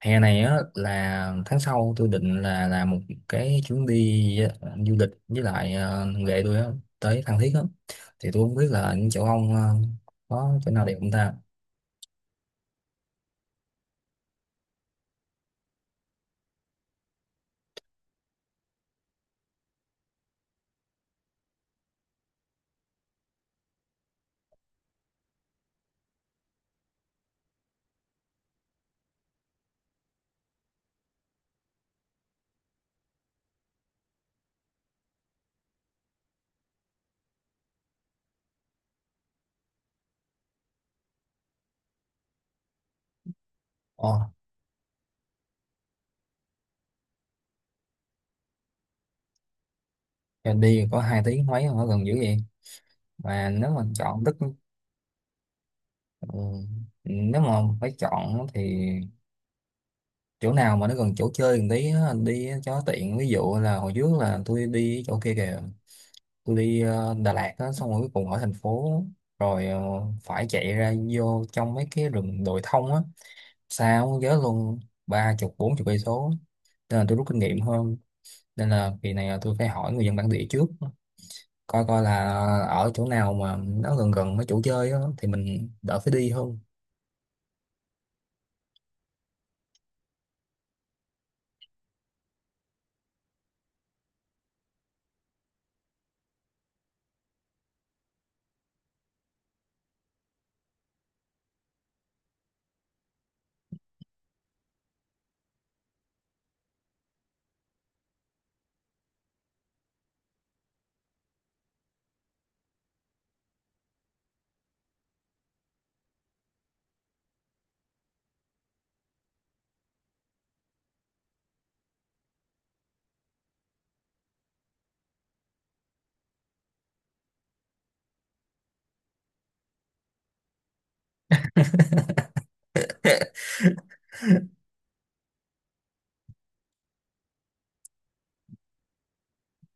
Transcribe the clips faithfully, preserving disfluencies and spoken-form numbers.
Hè này á là tháng sau tôi định là làm một cái chuyến đi ờ, du lịch với lại ờ, ghệ tôi á tới Phan Thiết á. Thì tôi không biết là những chỗ ông ờ, có chỗ nào đẹp không ta. Ồ, đi có hai tiếng mấy ở gần dữ vậy. Mà nếu mà chọn tức ừ, nếu mà phải chọn thì chỗ nào mà nó gần chỗ chơi một tí á, đi cho tiện. Ví dụ là hồi trước là tôi đi chỗ kia kìa, tôi đi ờ, Đà Lạt á, xong rồi cuối cùng ở thành phố rồi ờ, phải chạy ra vô trong mấy cái rừng đồi thông á, xa quá nhớ luôn, ba chục bốn chục cây số. Nên là tôi rút kinh nghiệm hơn, nên là kỳ này là tôi phải hỏi người dân bản địa trước, coi coi là ở chỗ nào mà nó gần gần mấy chỗ chơi á, thì mình đỡ phải đi hơn.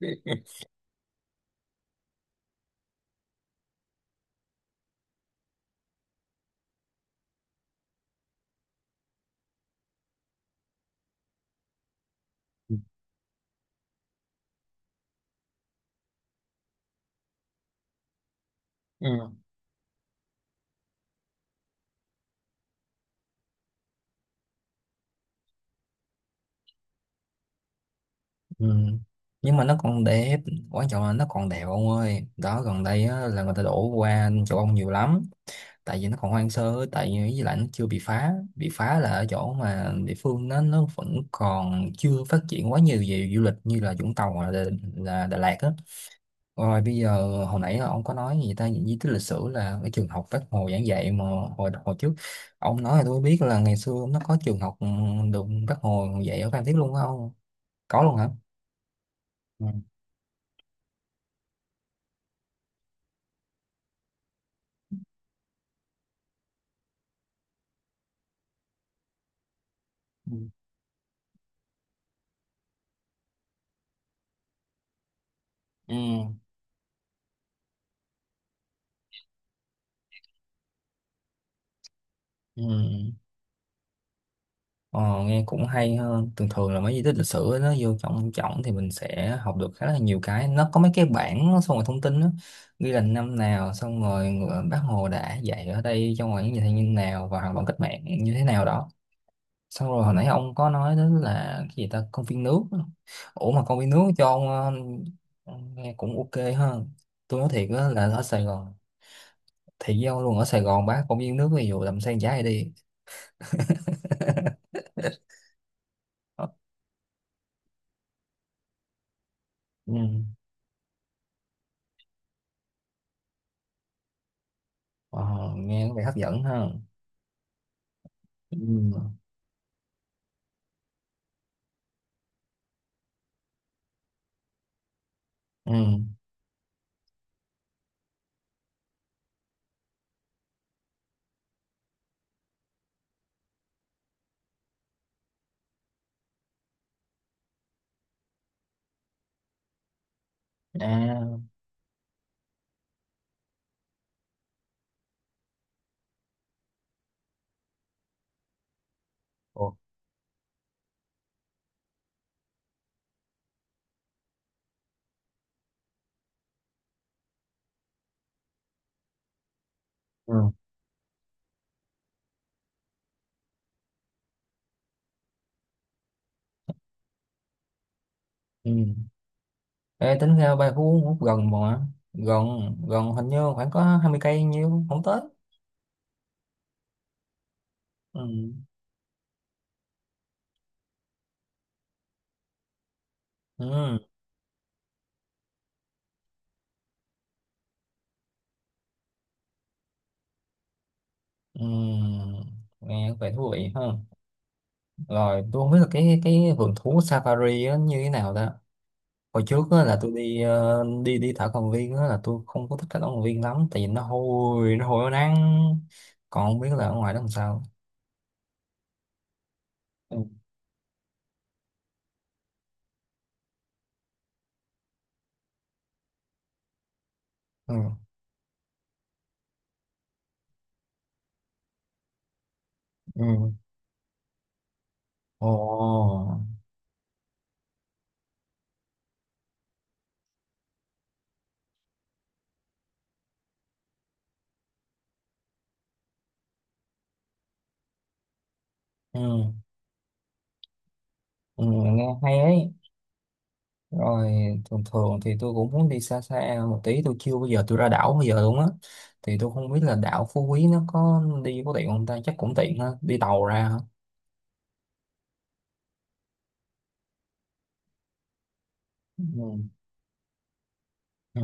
Ừ. Ừ. Nhưng mà nó còn đẹp, quan trọng là nó còn đẹp ông ơi, đó gần đây á, là người ta đổ qua chỗ ông nhiều lắm. Tại vì nó còn hoang sơ, tại vì với lại nó chưa bị phá bị phá là ở chỗ mà địa phương nó nó vẫn còn chưa phát triển quá nhiều về du lịch như là Vũng Tàu hoặc là, Đà- là Đà Lạt á. Rồi bây giờ hồi nãy ông có nói gì ta, những di tích lịch sử là cái trường học Bác Hồ giảng dạy mà hồi hồi trước ông nói, là tôi biết là ngày xưa nó có trường học được Bác Hồ dạy ở Phan Thiết luôn phải không, có luôn hả? Ừ. Ừ. Ừ. Ừ. Ờ, nghe cũng hay. Hơn thường thường là mấy di tích lịch sử ấy, nó vô trong trọng thì mình sẽ học được khá là nhiều cái, nó có mấy cái bảng nó xong rồi thông tin đó, ghi là năm nào, xong rồi ngựa- Bác Hồ đã dạy ở đây trong ngoài như thế nào và hoạt động cách mạng như thế nào đó. Xong rồi hồi nãy ông có nói đến là cái gì ta, công viên nước, ủa mà công viên nước cho ông. Ờ, nghe cũng ok hơn. Tôi nói thiệt đó là ở Sài Gòn thì với ông luôn, ở Sài Gòn bác công viên nước ví dụ làm sen trái đi. Ờ, ừ. Ờ, nghe có vẻ hấp dẫn ha. Ừ. Ừ. À. Ồ, ừ. Ừ. Ê, tính ra ba Phú Quốc gần mà, gần, gần, hình như khoảng có hai mươi cây nhiêu, không tới. Ừ. Ừ. Ừ. Nghe có vẻ thú vị hơn. Rồi tôi không biết là cái cái vườn thú safari á như thế nào ta. Hồi trước á, là tôi đi ờ, đi đi thảo cầm viên á, là tôi không có thích cái thảo cầm viên lắm, tại vì nó hôi nó hôi nó nắng. Còn không biết là ở ngoài đó làm sao. Ừ. Ừ. Ừ. Ồ. Ừ. Ừ, nghe hay ấy. Rồi, thường thường thì tôi cũng muốn đi xa xa một tí, tôi chưa bao giờ tôi ra đảo bây giờ luôn á. Thì tôi không biết là đảo Phú Quý nó có đi có tiện không ta, chắc cũng tiện ha, đi tàu ra hả? Ừ. Ừ.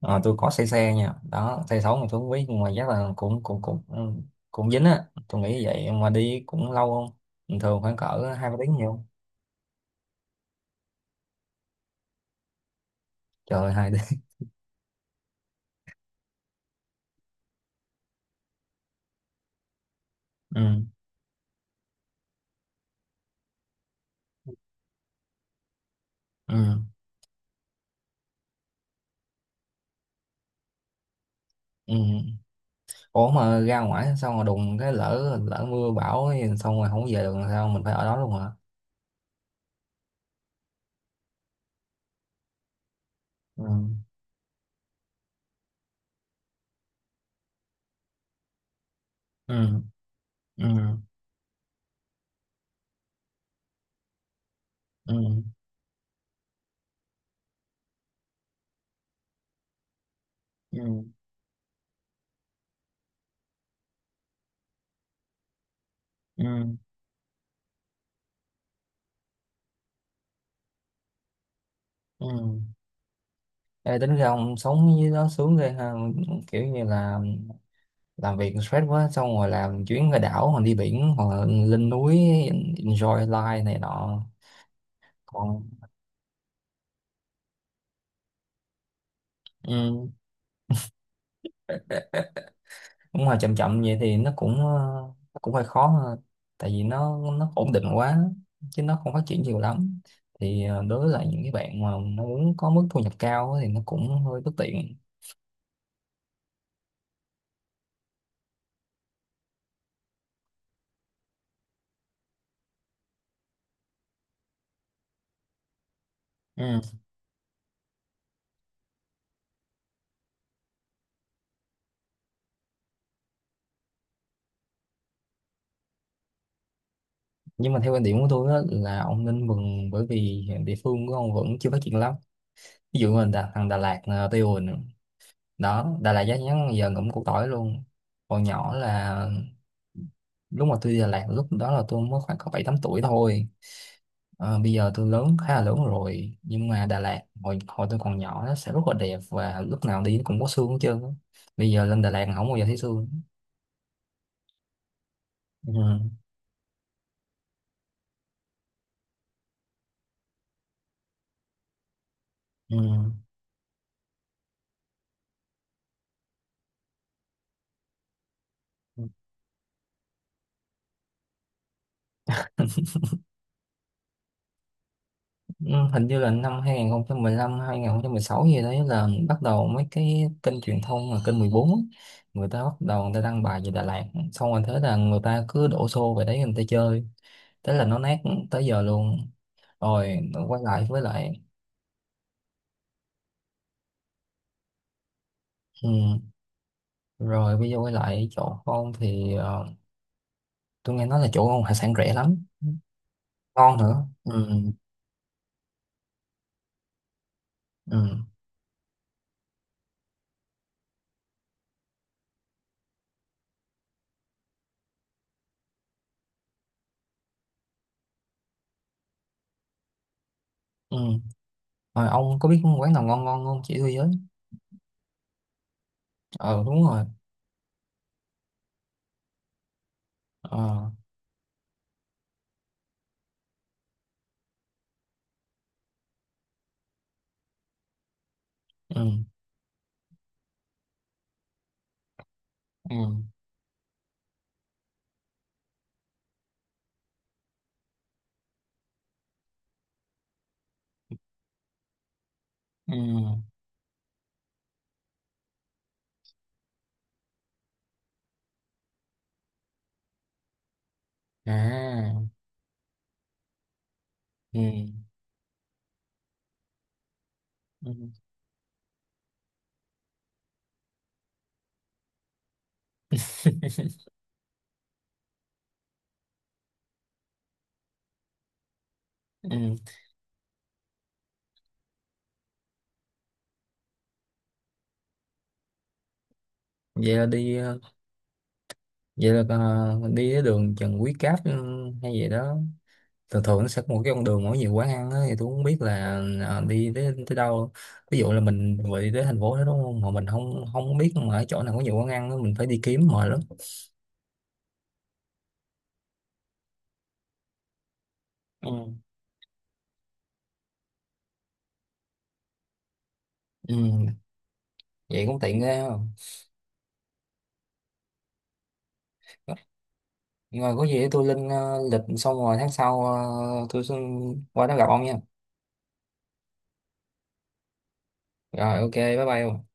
Ờ, tôi có xe xe nha đó, xe sáu mà tôi không biết, nhưng mà chắc là cũng cũng cũng ừ, cũng dính á tôi nghĩ vậy. Mà đi cũng lâu không? Bình thường khoảng cỡ hai ba tiếng nhiều? Trời ơi, hai tiếng. ừ. Ừ. Ừ. Ủa mà ra ngoài xong rồi đùng cái lỡ lỡ mưa bão ấy, xong rồi không về được làm sao, mình phải ở đó luôn hả? Ừ. Ừ. Ừ. Ừ. Ừ. Ừ. Ừ. Ê, tính ra ông sống với đó sướng ghê ha, kiểu như là làm việc stress quá xong rồi làm chuyến ra đảo hoặc đi biển hoặc là lên núi, enjoy life này nọ. Còn ừ, đúng rồi, chậm chậm vậy thì nó cũng ờ, nó cũng hơi khó ha. Tại vì nó nó ổn định quá, chứ nó không phát triển nhiều lắm. Thì ờ, đối với lại những cái bạn mà nó muốn có mức thu nhập cao á thì nó cũng hơi bất tiện. Ừ. Nhưng mà theo quan điểm của tôi á, là ông nên mừng bởi vì hiện địa phương của ông vẫn chưa phát triển lắm. Ví dụ mình Đà, thằng Đà Lạt ờ, Tây Hồ nè. Đó, Đà Lạt giá nhắn giờ ngậm củ tỏi luôn. Còn nhỏ là lúc mà tôi đi Đà Lạt, lúc đó là tôi mới khoảng có bảy tám tuổi thôi. Ờ, bây giờ tôi lớn, khá là lớn rồi, nhưng mà Đà Lạt hồi hồi tôi còn nhỏ nó sẽ rất là đẹp và lúc nào đi cũng có sương hết trơn á. Bây giờ lên Đà Lạt không bao giờ thấy sương. Ừ. Ừ. Ừ, hình như là năm hai không một lăm sáu gì đấy là bắt đầu mấy cái kênh truyền thông là kênh mười bốn á, người ta bắt đầu người ta đăng bài về Đà Lạt, xong rồi thế là người ta cứ đổ xô về đấy người ta chơi, thế là nó nát tới giờ luôn. Rồi quay lại với lại ừ. Rồi bây giờ quay lại chỗ ông thì ờ, tôi nghe nói là chỗ ông hải sản rẻ lắm, ngon nữa. Ừ. Ừ. Ừ. Rồi ông có biết quán nào ngon ngon không chỉ tôi với. Ờ, đúng rồi. Ờ. Ừ. Ừ. Ừ. À. Ừ. Ừ. ừ. Vậy là đi ờ, vậy là ờ, đi cái đường Trần Quý Cáp ừ, hay gì đó. Thường thường nó sẽ có một cái con đường mỗi nhiều quán ăn á, thì tôi không biết là ờ, đi tới tới đâu. Ví dụ là mình vừa đi tới thành phố đó đúng không, mà mình không không biết mà ở chỗ nào có nhiều quán ăn á, mình phải đi kiếm mệt lắm. Ừ. Ừ, vậy cũng tiện ghê không. Rồi có gì để tôi lên ờ, lịch, xong rồi tháng sau ờ, tôi xin qua đó gặp ông nha. Rồi ok, bye bye ông.